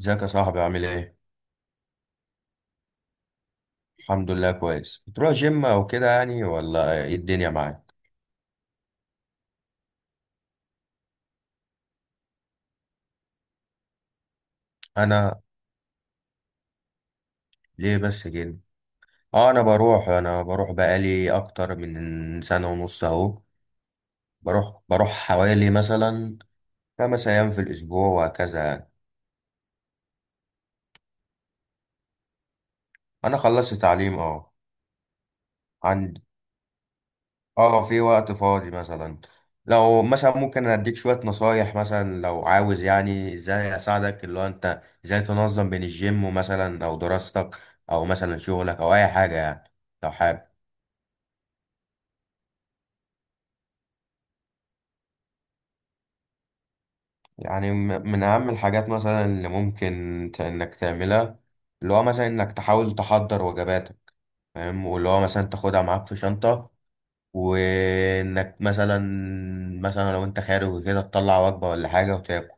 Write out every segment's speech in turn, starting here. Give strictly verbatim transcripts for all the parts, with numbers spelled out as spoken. ازيك يا صاحبي؟ عامل ايه؟ الحمد لله، كويس. بتروح جيم او كده يعني ولا ايه الدنيا معاك؟ انا ليه بس كده؟ اه انا بروح، انا بروح بقالي اكتر من سنة ونص اهو. بروح بروح حوالي مثلا خمس ايام في الاسبوع وهكذا يعني. انا خلصت تعليم اه. عن اه في وقت فاضي مثلا. لو مثلا ممكن اديك شوية نصايح، مثلا لو عاوز يعني ازاي اساعدك، اللي هو انت ازاي تنظم بين الجيم ومثلا او دراستك او مثلا شغلك او اي حاجة يعني، لو حابب. يعني م- من اهم الحاجات مثلا اللي ممكن ت- انك تعملها، اللي هو مثلا انك تحاول تحضر وجباتك، فاهم، واللي هو مثلا تاخدها معاك في شنطة، وانك مثلا مثلا لو انت خارج وكده تطلع وجبة ولا حاجة وتاكل.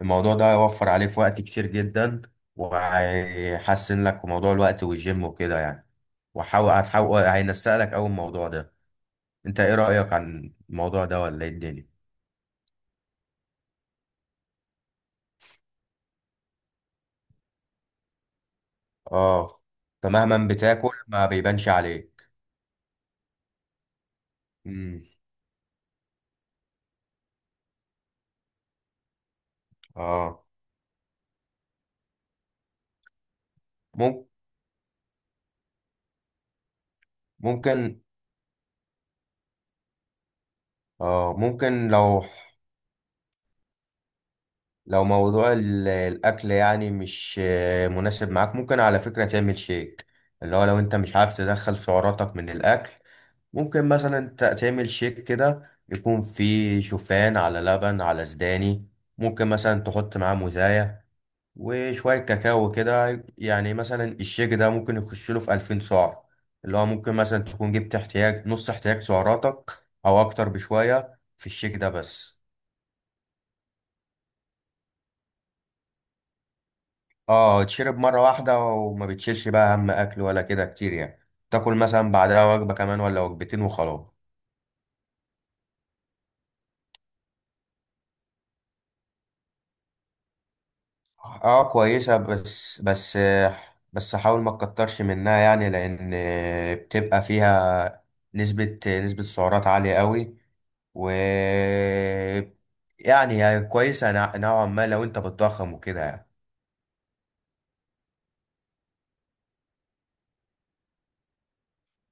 الموضوع ده هيوفر عليك وقت كتير جدا، وهيحسن لك في موضوع الوقت والجيم وكده يعني. وحاول هتحاول هينسق لك اول الموضوع ده. انت ايه رأيك عن الموضوع ده ولا ايه الدنيا؟ اه، فمهما بتاكل ما بيبانش عليك. امم اه. مم- ممكن، اه ممكن. لو لو موضوع ال- الأكل يعني مش آه، مناسب معاك، ممكن على فكرة تعمل شيك، اللي هو لو أنت مش عارف تدخل سعراتك من الأكل. ممكن مثلا ت- تعمل شيك كده يكون فيه شوفان على لبن على سداني. ممكن مثلا تحط معاه موزاية وشوية كاكاو كده يعني. مثلا الشيك ده ممكن يخش له في ألفين سعر، اللي هو ممكن مثلا تكون جبت احتياج، نص احتياج سعراتك أو أكتر بشوية في الشيك ده بس. اه، تشرب مرة واحدة وما بتشيلش بقى هم أكل ولا كده كتير يعني. تاكل مثلا بعدها وجبة كمان ولا وجبتين وخلاص. اه كويسة، بس بس بس حاول ما تكترش منها، يعني لأن بتبقى فيها نسبة نسبة سعرات عالية قوي، و يعني هي كويسة نوع- نوعا ما لو انت بتضخم وكده يعني.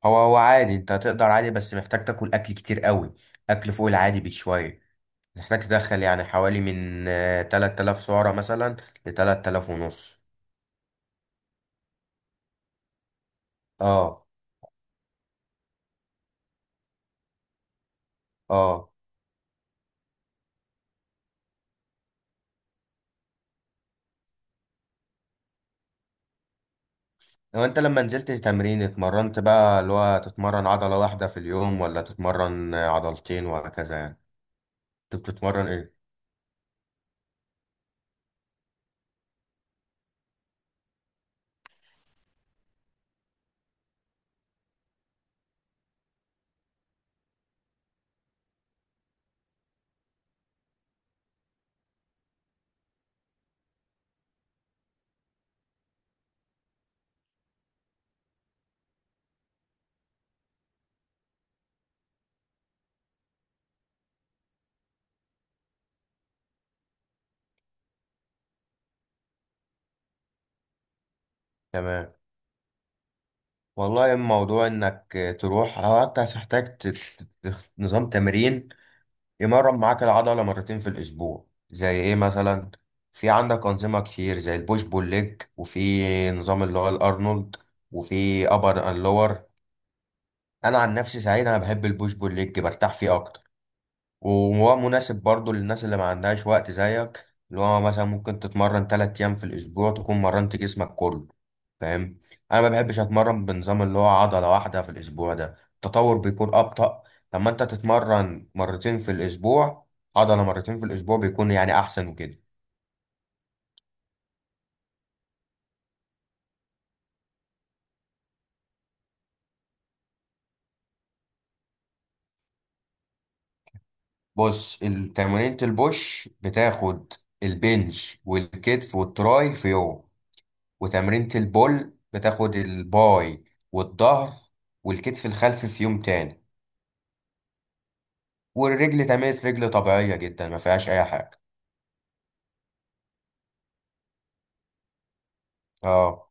هو هو عادي، انت تقدر عادي، بس محتاج تاكل أكل كتير قوي، أكل فوق العادي بشوية. محتاج تدخل يعني حوالي من آه، تلات آلاف سعرة مثلا ل تلات آلاف ونص. اه. اه لو انت لما نزلت تمرين اتمرنت بقى، اللي هو تتمرن عضلة واحدة في اليوم ولا تتمرن آه، عضلتين وهكذا يعني؟ انت بتتمرن ايه؟ تمام. والله الموضوع انك آه، تروح، او انت هتحتاج ت- ت- نظام تمرين يمرن معاك العضلة مرتين في الأسبوع، زي إيه مثلا؟ في عندك أنظمة كتير زي البوش بول ليج، وفي نظام اللي هو الأرنولد، وفي أبر أند لور. أنا عن نفسي سعيد، أنا بحب البوش بول ليج، برتاح فيه أكتر، وهو مناسب برضو للناس اللي ما عندهاش وقت زيك، اللي هو مثلا ممكن تتمرن تلات أيام في الأسبوع تكون مرنت جسمك كله، فاهم. انا ما بحبش اتمرن بنظام اللي هو عضله واحده في الاسبوع، ده التطور بيكون ابطا. لما انت تتمرن مرتين في الاسبوع، عضله مرتين في الاسبوع، بيكون يعني احسن وكده. بص، تمارين البوش بتاخد البنج والكتف والتراي في يوم، وتمرينة البول بتاخد الباي والظهر والكتف الخلفي في يوم تاني، والرجل تمرينة رجل طبيعية جدا ما فيهاش أي حاجة. اه،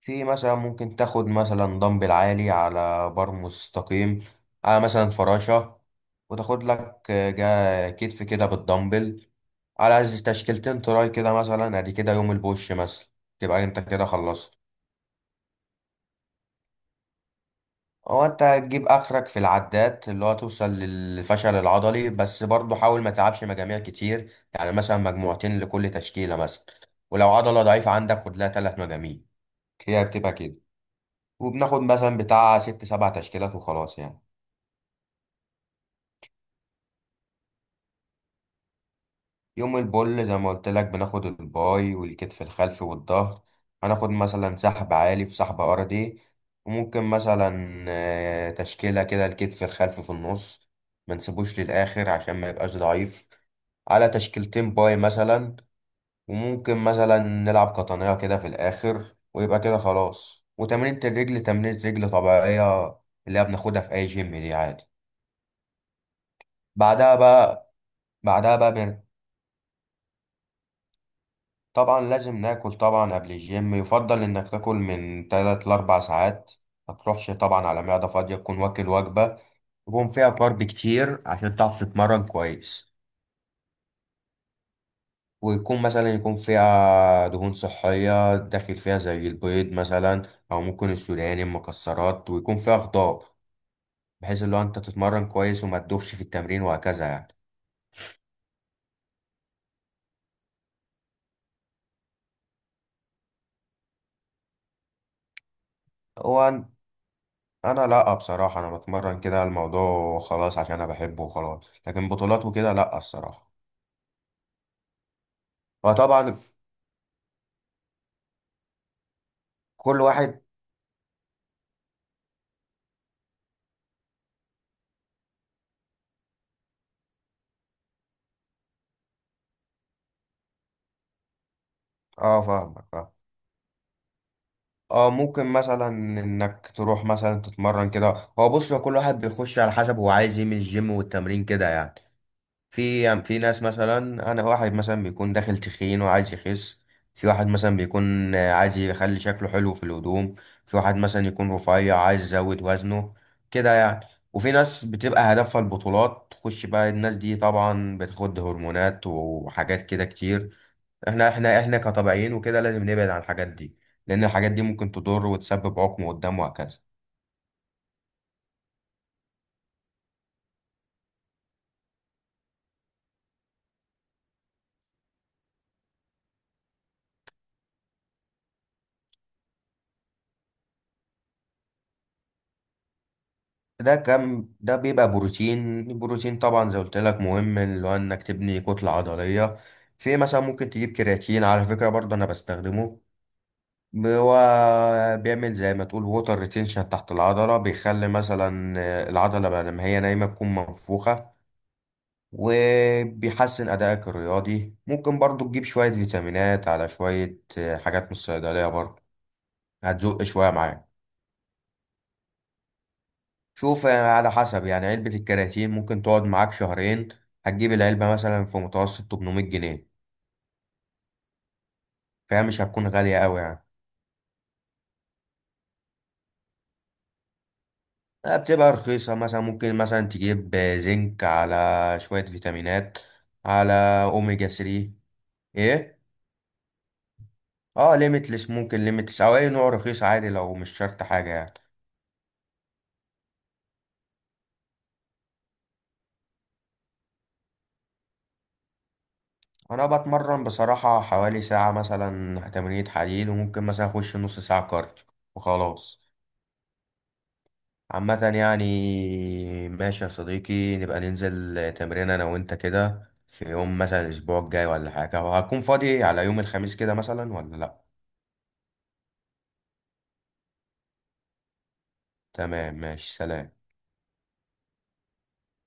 في مثلا ممكن تاخد مثلا دمبل عالي على بار مستقيم، على مثلا فراشة، وتاخد لك آه، جا كتف كده بالدمبل، على تشكيلتين تراي كده مثلا، ادي كده يوم البوش مثلا، تبقى انت كده خلصت. هو انت هتجيب اخرك في العدات، اللي هو توصل للفشل العضلي، بس برضه حاول ما تلعبش مجاميع كتير يعني، مثلا مجموعتين لكل تشكيلة مثلا، ولو عضلة ضعيفة عندك خد لها تلات مجاميع، هي بتبقى كده. وبناخد مثلا بتاع ست سبع تشكيلات وخلاص يعني. يوم البول زي ما قلت لك بناخد الباي والكتف الخلفي والظهر، هناخد مثلا سحب عالي في سحب ارضي، وممكن مثلا آه، تشكيلة كده الكتف الخلفي في النص، ما نسيبوش للآخر عشان ما يبقاش ضعيف، على تشكيلتين باي مثلا، وممكن مثلا نلعب قطنية كده في الآخر ويبقى كده خلاص. وتمرينة الرجل تمرينة رجل طبيعية، اللي هي بناخدها في أي جيم دي عادي. بعدها بقى بعدها بقى طبعا لازم ناكل. طبعا قبل الجيم يفضل انك تاكل من تلاتة ل أربع ساعات، ما تروحش طبعا على معدة فاضية، تكون واكل وجبة يكون فيها كارب كتير عشان تعرف تتمرن كويس، ويكون مثلا يكون فيها دهون صحية داخل فيها زي البيض مثلا، او ممكن السوداني، المكسرات، ويكون فيها خضار، بحيث اللي هو انت تتمرن كويس وما تدوخش في التمرين وهكذا يعني. هو أن- انا لا بصراحة، انا بتمرن كده الموضوع خلاص عشان انا بحبه وخلاص، لكن بطولات وكده لا الصراحة. فطبعا كل واحد، اه فاهمك اه. اه ممكن مثلا انك تروح مثلا تتمرن كده. هو بص هو كل واحد بيخش على حسب هو عايز ايه من الجيم والتمرين كده يعني. في يعني في ناس مثلا، انا واحد مثلا بيكون داخل تخين وعايز يخس، في واحد مثلا بيكون آه، عايز يخلي شكله حلو في الهدوم، في واحد مثلا يكون رفيع عايز يزود وزنه، كده يعني. وفي ناس بتبقى هدفها البطولات، تخش بقى الناس دي طبعا بتاخد هرمونات وحاجات كده كتير. احنا احنا احنا كطبيعيين وكده لازم نبعد عن الحاجات دي، لان الحاجات دي ممكن تضر وتسبب عقم قدام وهكذا. ده كم ده بيبقى بروتين. البروتين طبعا زي قلت لك مهم، اللي هو انك تبني كتلة عضلية. في مثلا ممكن تجيب كرياتين، على فكرة برضه انا بستخدمه. ب- هو بيعمل زي ما تقول ووتر ريتينشن تحت العضلة، بيخلي مثلا العضلة بقى لما هي نايمة تكون منفوخة، وبيحسن أدائك الرياضي. ممكن برضو تجيب شوية فيتامينات، على شوية حاجات من الصيدلية برضو، هتزق شوية معاك. شوف على حسب يعني، علبة الكرياتين ممكن تقعد معاك شهرين. هتجيب العلبة مثلا في متوسط تمنمية جنيه، فهي مش هتكون غالية أوي يعني. لا، بتبقى رخيصة، مثلا ممكن مثلا تجيب زنك، على شوية فيتامينات، على أوميجا تلاتة. إيه؟ اه ليميتلس، ممكن ليميتلس أو أي نوع رخيص عادي لو مش شرط حاجة يعني. أنا بتمرن بصراحة حوالي ساعة، مثلا تمرينة حديد، وممكن مثلا أخش نص ساعة كارديو وخلاص. عامة يعني، ماشي يا صديقي، نبقى ننزل تمرين انا وانت كده في يوم مثلا الاسبوع الجاي ولا حاجة، وهكون فاضي على يوم الخميس كده مثلا، ولا لا؟ تمام، ماشي، سلام.